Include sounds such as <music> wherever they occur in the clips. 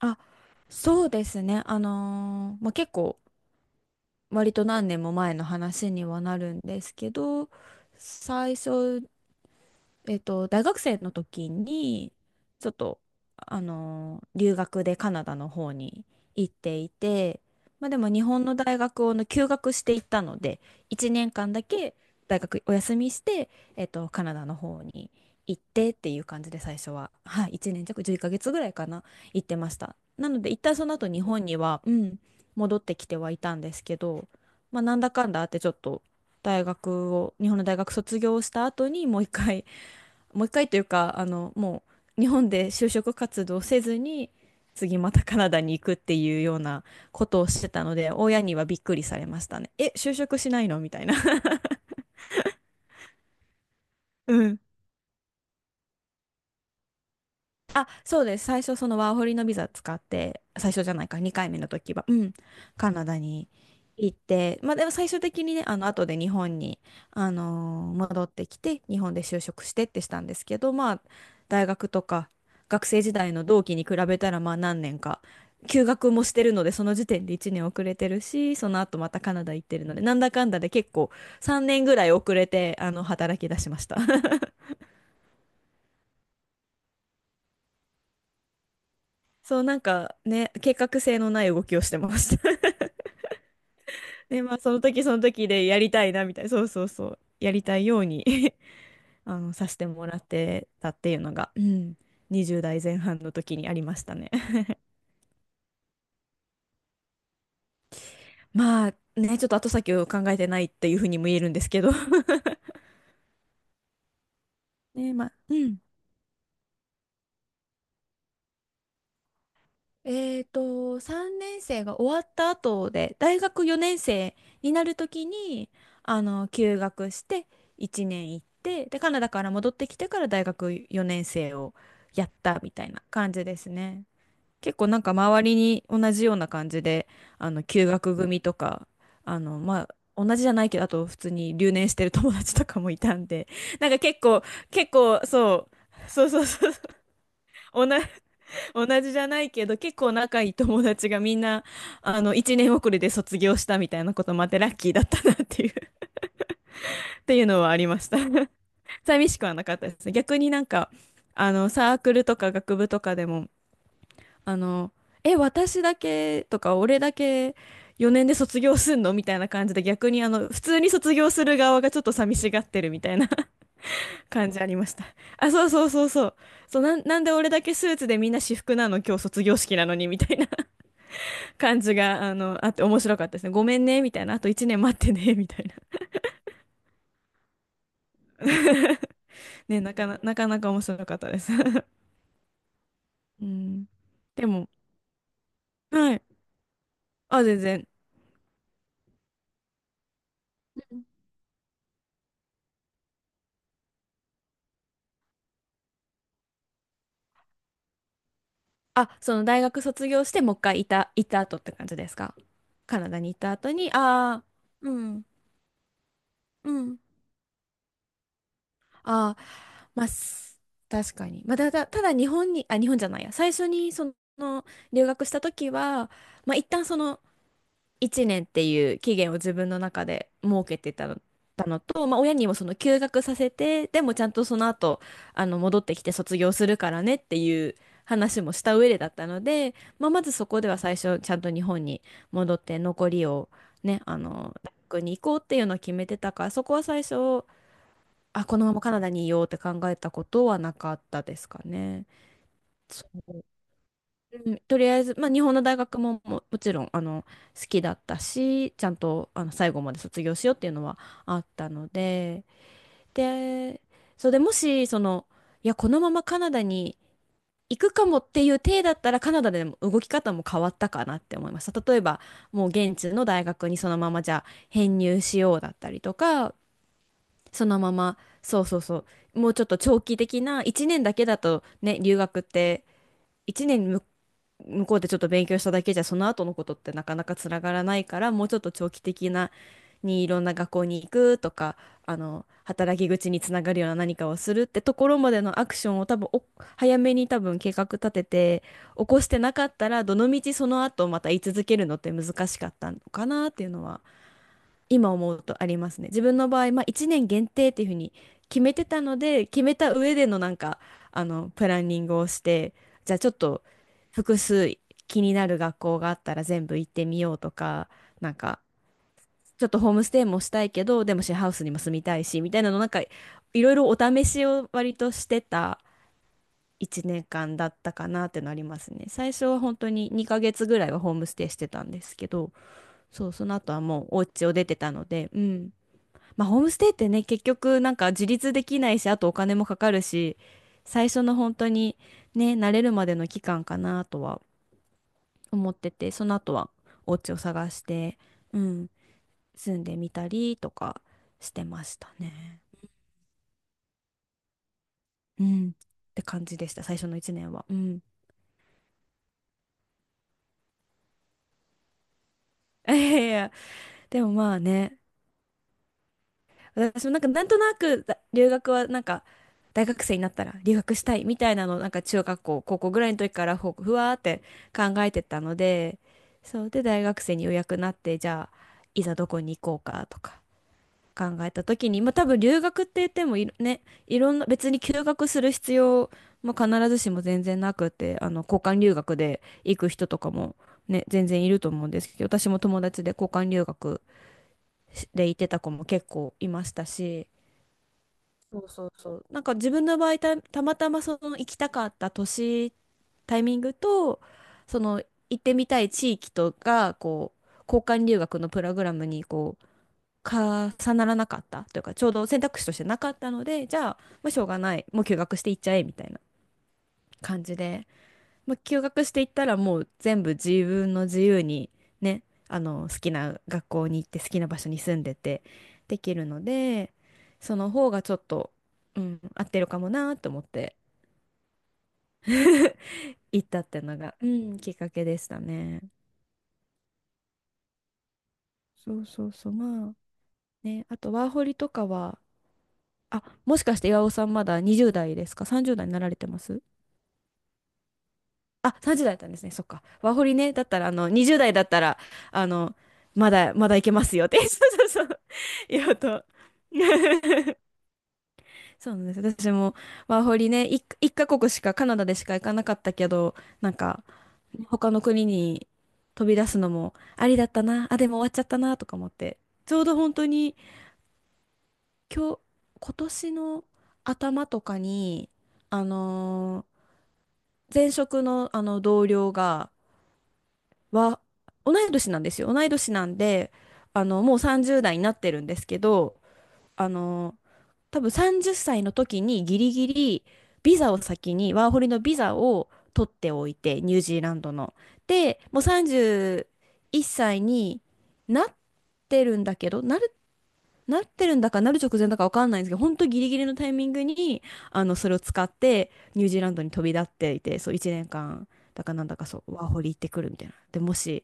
あ、そうですね。まあ、結構割と何年も前の話にはなるんですけど、最初大学生の時に、ちょっと、留学でカナダの方に行っていて、まあでも日本の大学をね休学していったので、1年間だけ大学お休みして、カナダの方に行ってっていう感じで最初は、はい、1年弱、11ヶ月ぐらいかな、行ってました。なので、一旦その後日本には、うん、戻ってきてはいたんですけど、まあなんだかんだあってちょっと、大学を日本の大学卒業した後にもう一回というか、もう日本で就職活動せずに、次またカナダに行くっていうようなことをしてたので、親にはびっくりされましたね。え、就職しないのみたいな。<laughs> うん。あ、そうです。最初、そのワーホリのビザ使って、最初じゃないか、2回目の時は、うん、カナダに行って、まあでも最終的にね、後で日本に、戻ってきて、日本で就職してってしたんですけど、まあ、大学とか、学生時代の同期に比べたら、まあ何年か、休学もしてるので、その時点で1年遅れてるし、その後またカナダ行ってるので、なんだかんだで結構3年ぐらい遅れて、働き出しました。<laughs> そう、なんかね、計画性のない動きをしてました。で、まあ、その時その時でやりたいな、みたいな。そうそうそう。やりたいように <laughs> させてもらってたっていうのが、うん、20代前半の時にありましたね。<laughs> まあ、ね、ちょっと後先を考えてないっていうふうにも言えるんですけど。 <laughs> ね、まあ、うん。えーと、3年生が終わった後で、大学4年生になるときに、休学して1年行って、で、カナダから戻ってきてから大学4年生をやったみたいな感じですね。結構なんか周りに同じような感じで、休学組とか、まあ、同じじゃないけど、あと普通に留年してる友達とかもいたんで、<laughs> なんか結構、結構、そう、そうそうそうそう、おな同じじゃないけど、結構仲いい友達がみんな、一年遅れで卒業したみたいなこともあって、ラッキーだったなっていう <laughs> っていうのはありました。<laughs> 寂しくはなかったですね。逆になんか、サークルとか学部とかでも、あの、え、私だけとか、俺だけ4年で卒業すんのみたいな感じで、逆に普通に卒業する側がちょっと寂しがってるみたいな <laughs> 感じありました。あ、そうそうそうそう。そう、なんで俺だけスーツでみんな私服なの今日卒業式なのにみたいな <laughs> 感じが、あって面白かったですね。ごめんね、みたいな。あと1年待ってね、みたいな。<laughs> ね、なかなか面白かったです。<laughs> うん。でも、はい。あ、全然。あ、その大学卒業して、もう一回行った後って感じですか？カナダに行った後に、ああ、うん、うん、ああ、まあ、確かに。まあ、ただ日本に、あ、日本じゃないや、最初にその留学した時は、まあ、一旦その1年っていう期限を自分の中で設けてたのと、まあ、親にもその休学させてでもちゃんとその後戻ってきて卒業するからねっていう話もした上でだったので、まあ、まずそこでは最初ちゃんと日本に戻って残りをね大学に行こうっていうのを決めてたから、そこは最初このままカナダにいようって考えたことはなかったですかね。うん。とりあえず、まあ、日本の大学も、もちろん好きだったし、ちゃんと最後まで卒業しようっていうのはあったのでそれでもしいやこのままカナダに行くかもっていう体だったら、カナダでも動き方も変わったかなって思いました。例えばもう現地の大学にそのままじゃあ編入しようだったりとか、そのまま、そうそうそう、もうちょっと長期的な、1年だけだとね、留学って1年向こうでちょっと勉強しただけじゃその後のことってなかなかつながらないから、もうちょっと長期的なにいろんな学校に行くとか、働き口につながるような何かをするってところまでのアクションを多分早めに多分計画立てて起こしてなかったら、どのみちその後また居続けるのって難しかったのかなっていうのは今思うとありますね。自分の場合、まあ、1年限定っていうふうに決めてたので、決めた上でのなんか、プランニングをして、じゃあちょっと複数気になる学校があったら全部行ってみようとか、なんか、ちょっとホームステイもしたいけど、でもシェアハウスにも住みたいし、みたいなの、なんか、いろいろお試しを割としてた1年間だったかなってのありますね。最初は本当に2ヶ月ぐらいはホームステイしてたんですけど、そう、その後はもうお家を出てたので、うん。まあ、ホームステイってね、結局なんか自立できないし、あとお金もかかるし、最初の本当にね、慣れるまでの期間かなとは思ってて、その後はお家を探して、うん、住んでみたりとかしてましたね。うん、って感じでした、最初の1年は。うん。<laughs> いやいや、でもまあね、私もなんかなんとなく留学はなんか、大学生になったら留学したいみたいなのをなんか中学校高校ぐらいの時からふわーって考えてたので、そうで大学生にようやくなって、じゃあいざどこに行こうかとか考えた時に、まあ多分留学って言ってもね、いろんな、別に休学する必要も必ずしも全然なくて、交換留学で行く人とかもね全然いると思うんですけど、私も友達で交換留学で行ってた子も結構いましたし。そうそうそう。なんか自分の場合たまたまその行きたかった年、タイミングと、その行ってみたい地域とが、こう、交換留学のプログラムにこう、重ならなかったというか、ちょうど選択肢としてなかったので、じゃあ、まあ、しょうがない、もう休学していっちゃえみたいな感じで。まあ、休学していったらもう全部自分の自由にね、好きな学校に行って好きな場所に住んでてできるので、その方がちょっと、うん、合ってるかもなと思って <laughs> 行ったってのが、うん、きっかけでしたね。そうそうそう、まあね、あとワーホリとかは、あ、もしかして岩尾さんまだ20代ですか？ 30 代になられてます？あ、30代だったんですね。そっか。ワーホリね。だったら、20代だったら、あの、まだいけますよって。<laughs> そうそうそう。言おうと。<laughs> そうなんです。私もワーホリね、一カ国しか、カナダでしか行かなかったけど、なんか、他の国に飛び出すのもありだったな。あ、でも終わっちゃったな、とか思って。ちょうど本当に、今日、今年の頭とかに、あのー前職の、同僚が、は、同い年なんですよ。同い年なんで、もう30代になってるんですけど、あの、多分30歳の時にギリギリビザを先に、ワーホリのビザを取っておいて、ニュージーランドの。で、もう31歳になってるんだけど、なってるんだかなる直前だかわかんないんですけど、本当ギリギリのタイミングに、それを使ってニュージーランドに飛び立っていて、そう1年間だかなんだかそう、ワーホリ行ってくるみたいな。で、もし、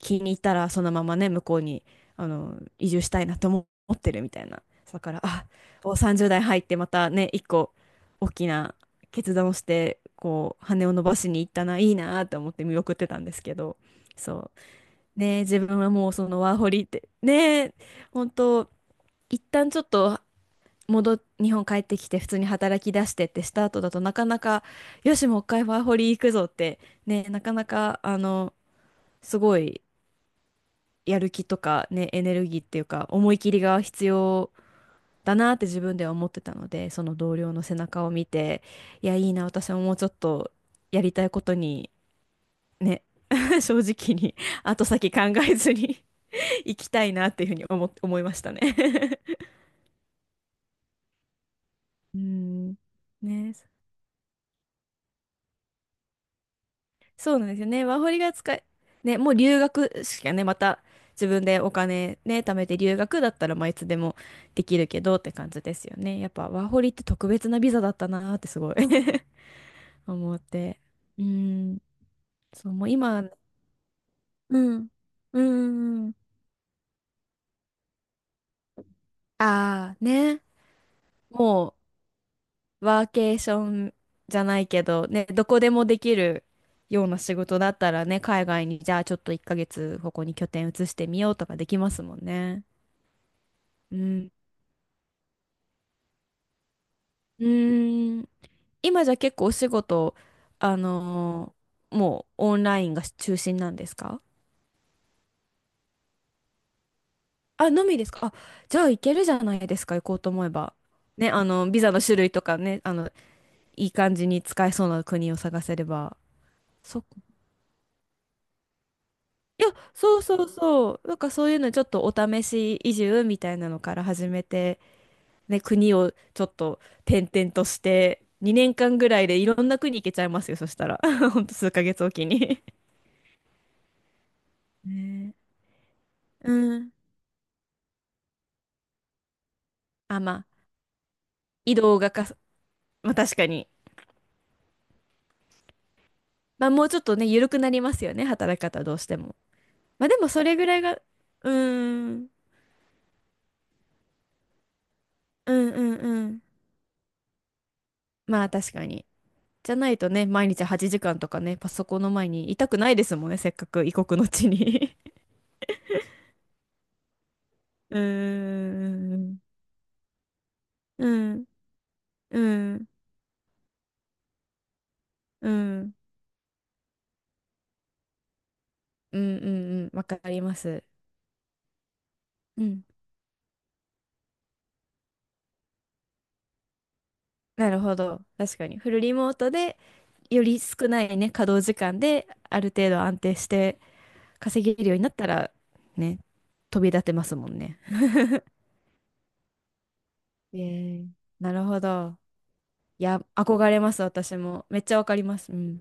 気に入ったらそのままね、向こうに移住したいなと思ってるみたいな。だから、あお、30代入ってまたね、一個大きな決断をして、こう羽を伸ばしに行ったな、いいなと思って見送ってたんですけど、そうねえ、自分はもうそのワーホリってねえ、本当一旦ちょっと日本帰ってきて普通に働き出してってした後だとなかなか、よしもう一回ワーホリ行くぞって、ねえ、なかなかすごいやる気とかね、エネルギーっていうか、思い切りが必要だなって自分では思ってたので、その同僚の背中を見て、いや、いいな、私ももうちょっとやりたいことに、ね、<laughs> 正直に後先考えずに <laughs> 行きたいなっていうふうに思いましたね。 <laughs> うん。ね、そうなんですよね。ワーホリが使え、ね、もう留学しかね、また自分でお金ね、貯めて留学だったら、まあ、いつでもできるけどって感じですよね。やっぱワーホリって特別なビザだったなーってすごい <laughs> 思って。うん、そう、もう今、うん、うん、ああ、ね、もうワーケーションじゃないけど、ね、どこでもできるような仕事だったらね、海外にじゃあちょっと1ヶ月ここに拠点移してみようとかできますもんね。うん、うーん。今じゃ結構お仕事、あのもうオンラインが中心なんですか？あ、のみですか？あ、じゃあ行けるじゃないですか、行こうと思えば。ね、ビザの種類とかね、いい感じに使えそうな国を探せれば。そっか。いや、そうそうそう。なんかそういうのちょっとお試し移住みたいなのから始めて、ね、国をちょっと転々として、2年間ぐらいでいろんな国行けちゃいますよ、そしたら。<laughs> ほんと数ヶ月おきに。ね、うん。あ、まあ、移動がかさ、まあ確かに。まあもうちょっとね、緩くなりますよね、働き方どうしても。まあでもそれぐらいが、うーん、うん、うん、うん。まあ確かに。じゃないとね、毎日8時間とかね、パソコンの前にいたくないですもんね、せっかく異国の地に。 <laughs> うーん、うん、うん、うん、うん、うん、うん、わかります。うん。なるほど。確かに。フルリモートで、より少ないね、稼働時間で、ある程度安定して、稼げるようになったら、ね、飛び立てますもんね。えー、なるほど。いや、憧れます、私も。めっちゃわかります。うん。